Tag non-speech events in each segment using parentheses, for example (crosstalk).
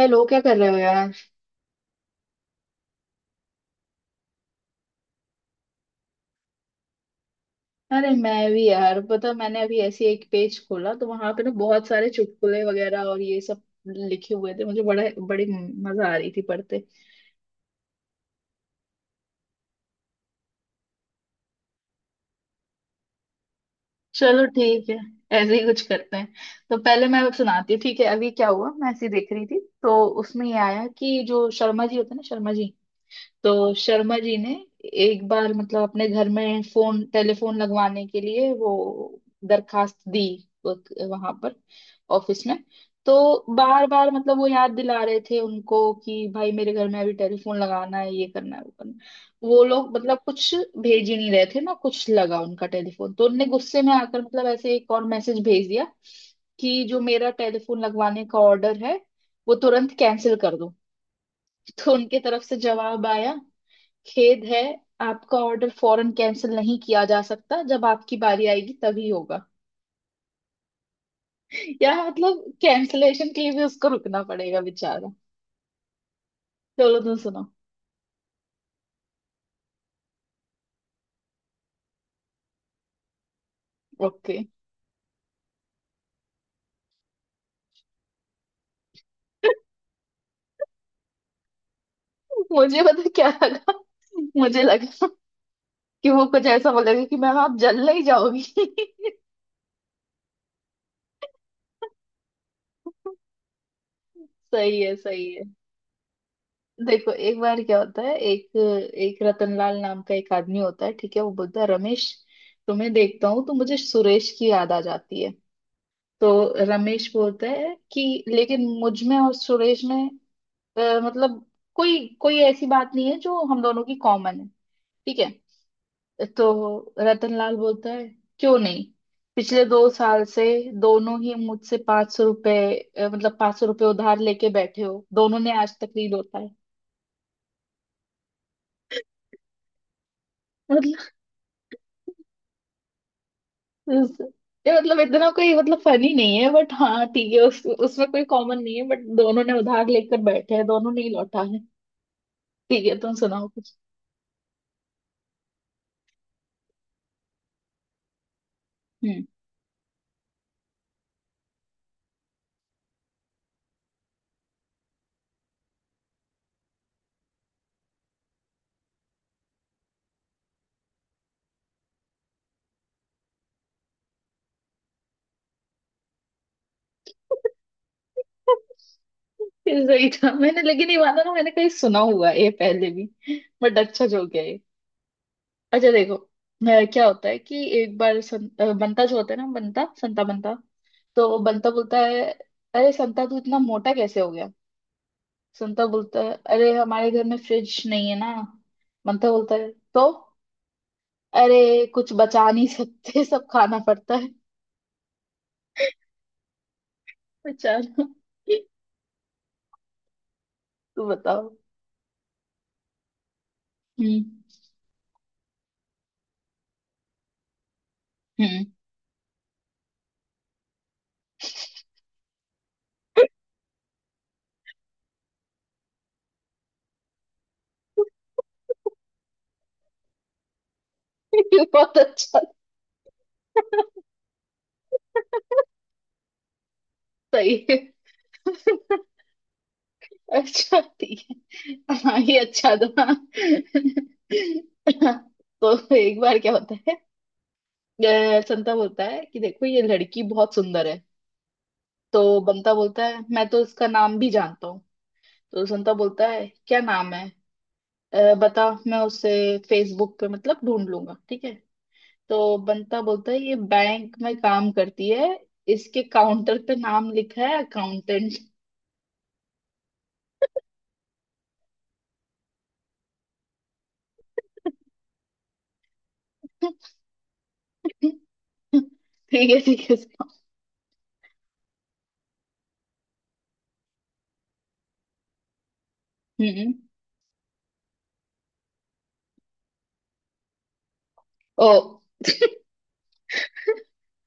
Hello, क्या कर रहे हो यार? अरे मैं भी यार। पता, मैंने अभी ऐसे ही एक पेज खोला तो वहां पे ना बहुत सारे चुटकुले वगैरह और ये सब लिखे हुए थे। मुझे बड़ा बड़ी मजा आ रही थी पढ़ते। चलो ठीक है, ऐसे ही कुछ करते हैं। तो पहले मैं सुनाती हूँ, ठीक है। अभी क्या हुआ, मैं ऐसे ही देख रही थी तो उसमें ये आया कि जो शर्मा जी होते हैं ना, शर्मा जी। तो शर्मा जी ने एक बार मतलब अपने घर में फोन टेलीफोन लगवाने के लिए वो दरखास्त दी वहां पर ऑफिस में। तो बार बार मतलब वो याद दिला रहे थे उनको कि भाई मेरे घर में अभी टेलीफोन लगाना है, ये करना है, वो करना है। वो लोग मतलब कुछ भेज ही नहीं रहे थे ना, कुछ लगा उनका टेलीफोन, तो उनने गुस्से में आकर मतलब ऐसे एक और मैसेज भेज दिया कि जो मेरा टेलीफोन लगवाने का ऑर्डर है वो तुरंत कैंसिल कर दो। (laughs) तो उनके तरफ से जवाब आया, खेद है, आपका ऑर्डर फौरन कैंसिल नहीं किया जा सकता, जब आपकी बारी आएगी तभी होगा। (laughs) या मतलब कैंसलेशन के लिए भी उसको रुकना पड़ेगा बेचारा। चलो तुम सुनो। ओके। (laughs) मुझे पता क्या लगा, मुझे लगा कि वो कुछ ऐसा बोलेगा कि मैम आप जल ही जाओगी। (laughs) सही है, सही है। देखो एक बार क्या होता है, एक एक रतनलाल नाम का एक आदमी होता है, ठीक है। वो बोलता है रमेश, तुम्हें देखता हूँ तो मुझे सुरेश की याद आ जाती है। तो रमेश बोलता है कि लेकिन मुझ में और सुरेश में मतलब कोई कोई ऐसी बात नहीं है जो हम दोनों की कॉमन है, ठीक है। तो रतनलाल बोलता है क्यों नहीं, पिछले 2 साल से दोनों ही मुझसे ₹500, मतलब ₹500 उधार लेके बैठे हो, दोनों ने आज तक नहीं लौटा है। मतलब ये मतलब इतना कोई मतलब फनी नहीं है, बट हाँ ठीक है उसमें कोई कॉमन नहीं है, बट दोनों ने उधार लेकर बैठे हैं, दोनों ने ही लौटा है। ठीक है, तुम सुनाओ कुछ। हम्म। ये सही था, मैंने लेकिन ये वाला ना मैंने कहीं सुना हुआ है ये पहले भी। बट अच्छा जो गया ये। अच्छा देखो, क्या होता है कि एक बार बंता जो होता है ना, बंता संता बंता। तो बंता बोलता है अरे संता तू इतना मोटा कैसे हो गया? संता बोलता है अरे हमारे घर में फ्रिज नहीं है ना। बंता बोलता है तो अरे कुछ बचा नहीं सकते, सब खाना पड़ता है बेचारा। (laughs) तू बताओ। हम्म हम्म। (laughs) बहुत अच्छा, सही है, अच्छा ठीक है, हाँ ये अच्छा था। तो एक बार क्या होता है, संता बोलता है कि देखो ये लड़की बहुत सुंदर है। तो बंता बोलता है मैं तो इसका नाम भी जानता हूँ। तो संता बोलता है क्या नाम है? बता, मैं उसे फेसबुक पे मतलब ढूंढ लूंगा, ठीक है। तो बंता बोलता है ये बैंक में काम करती है, इसके काउंटर पे नाम लिखा है अकाउंटेंट। (laughs) ठीक है, ठीक है। हम्म। ओ,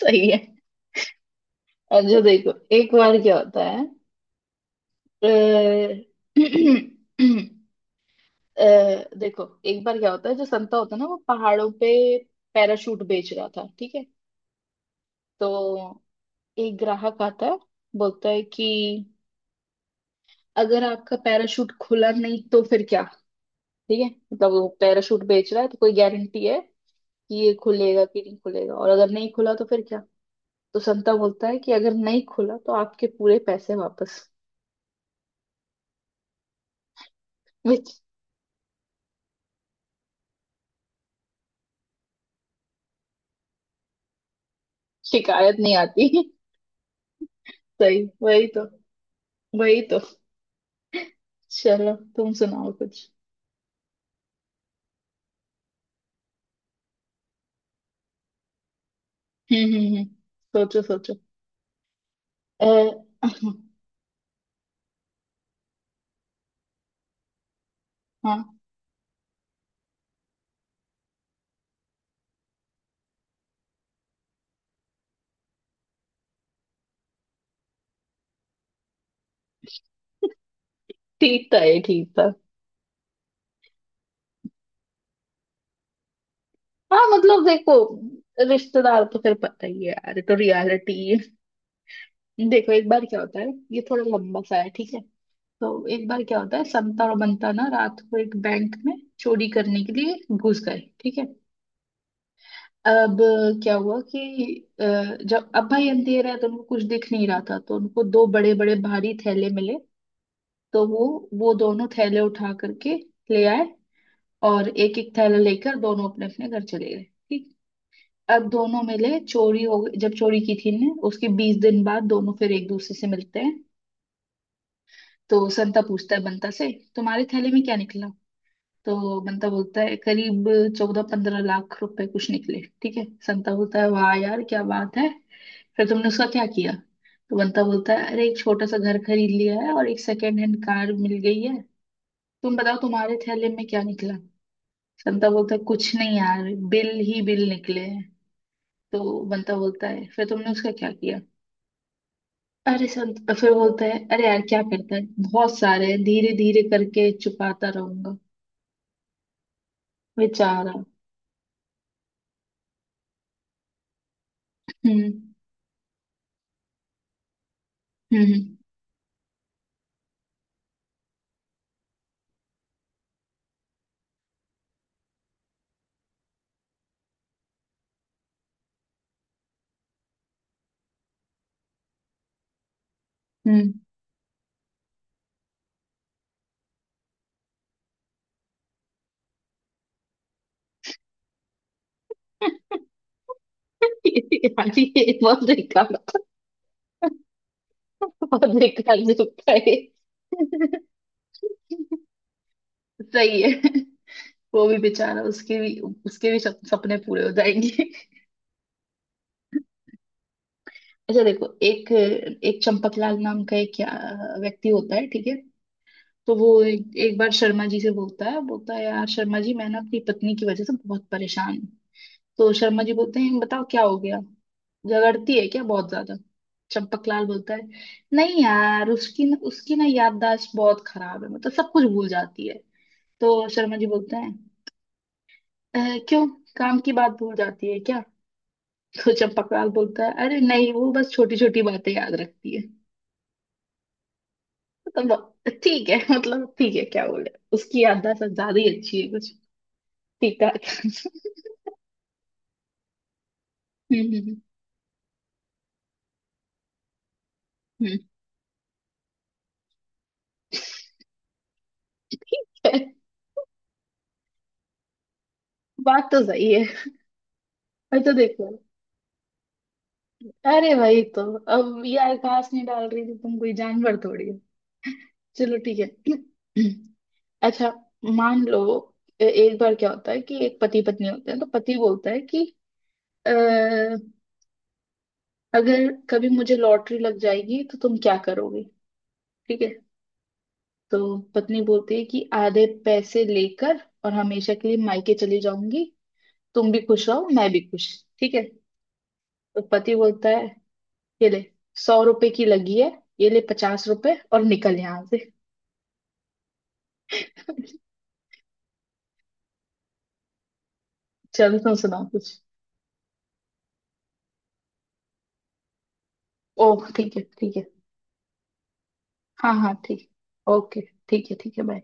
सही है। अच्छा देखो एक बार क्या होता है, अ, (clears throat) अ, देखो एक बार क्या होता है, जो संता होता है ना वो पहाड़ों पे पैराशूट बेच रहा था, ठीक है। तो एक ग्राहक आता है, बोलता है कि अगर आपका पैराशूट खुला नहीं तो फिर क्या? ठीक है, मतलब वो पैराशूट बेच रहा है तो कोई गारंटी है कि ये खुलेगा कि नहीं खुलेगा, और अगर नहीं खुला तो फिर क्या? तो संता बोलता है कि अगर नहीं खुला तो आपके पूरे पैसे वापस। (laughs) विच शिकायत नहीं आती। सही, वही तो, वही तो। चलो तुम सुनाओ कुछ। हम्म हम्म हम्म, सोचो सोचो। अ, हाँ ठीक था, ये ठीक था। हाँ मतलब देखो, रिश्तेदार तो फिर पता ही है यार, ये तो रियलिटी है। देखो एक बार क्या होता है, ये थोड़ा लंबा सा है, ठीक है। तो एक बार क्या होता है, संता और बंता ना रात को एक बैंक में चोरी करने के लिए घुस गए, ठीक है। अब क्या हुआ कि अ, जब अब्बा अंधेरा है तो उनको कुछ दिख नहीं रहा था, तो उनको दो बड़े बड़े भारी थैले मिले। तो वो दोनों थैले उठा करके ले आए, और एक एक थैला लेकर दोनों अपने अपने घर चले गए ठीक। अब दोनों मिले, चोरी हो गई जब चोरी की थी ने उसके 20 दिन बाद दोनों फिर एक दूसरे से मिलते हैं। तो संता पूछता है बंता से तुम्हारे थैले में क्या निकला? तो बंता बोलता है करीब 14-15 लाख रुपए कुछ निकले, ठीक है। संता बोलता है वाह यार क्या बात है, फिर तुमने उसका क्या किया? तो बंता बोलता है अरे एक छोटा सा घर खरीद लिया है और एक सेकेंड हैंड कार मिल गई है। तुम बताओ तुम्हारे थैले में क्या निकला? संता बोलता है कुछ नहीं यार, बिल ही बिल निकले हैं। तो बंता बोलता है फिर तुमने उसका क्या किया? अरे संत फिर बोलता है अरे यार क्या करता है, बहुत सारे हैं, धीरे धीरे करके चुकाता रहूंगा बेचारा। हम्म हम्म हम्म हम्म। यार, ये बहुत बेकार, बहुत बेकार जोक था ये। सही है, वो भी बेचारा, उसके भी, उसके भी सपने पूरे हो जाएंगे। अच्छा देखो, एक एक चंपकलाल नाम का एक व्यक्ति होता है, ठीक है। तो वो एक बार शर्मा जी से बोलता है, बोलता है यार शर्मा जी मैं ना अपनी पत्नी की वजह से बहुत परेशान हूँ। तो शर्मा जी बोलते हैं बताओ क्या हो गया, झगड़ती है क्या बहुत ज्यादा? चंपकलाल बोलता है नहीं यार उसकी न, उसकी ना याददाश्त बहुत खराब है, मतलब सब कुछ भूल जाती है। तो शर्मा जी बोलते हैं क्यों, काम की बात भूल जाती है क्या? तो चंपकलाल बोलता है अरे नहीं, वो बस छोटी छोटी बातें याद रखती है मतलब। ठीक है मतलब, ठीक है क्या बोले, उसकी याददाश्त ज्यादा ही अच्छी है कुछ। ठीक ठाक। (laughs) हम्म हम्म, हम्म, हम्म, ठीक है। बात तो सही है, और तो देखो। अरे वही तो, अब ये आकाश नहीं डाल रही थी, तुम कोई जानवर थोड़ी हो। चलो ठीक है। (clears throat) अच्छा, मान लो एक बार क्या होता है कि एक पति पत्नी होते हैं। तो पति बोलता है कि "अ, अगर कभी मुझे लॉटरी लग जाएगी तो तुम क्या करोगे, ठीक है? तो पत्नी बोलती है कि आधे पैसे लेकर और हमेशा के लिए मायके चली जाऊंगी, तुम भी खुश रहो मैं भी खुश, ठीक है। तो पति बोलता है ये ले, ₹100 की लगी है, ये ले ₹50 और निकल यहाँ से। (laughs) चल तुम सुनाओ कुछ। ओ, ठीक है, ठीक है। हाँ हाँ, ठीक। ओके, ठीक है ठीक है। बाय।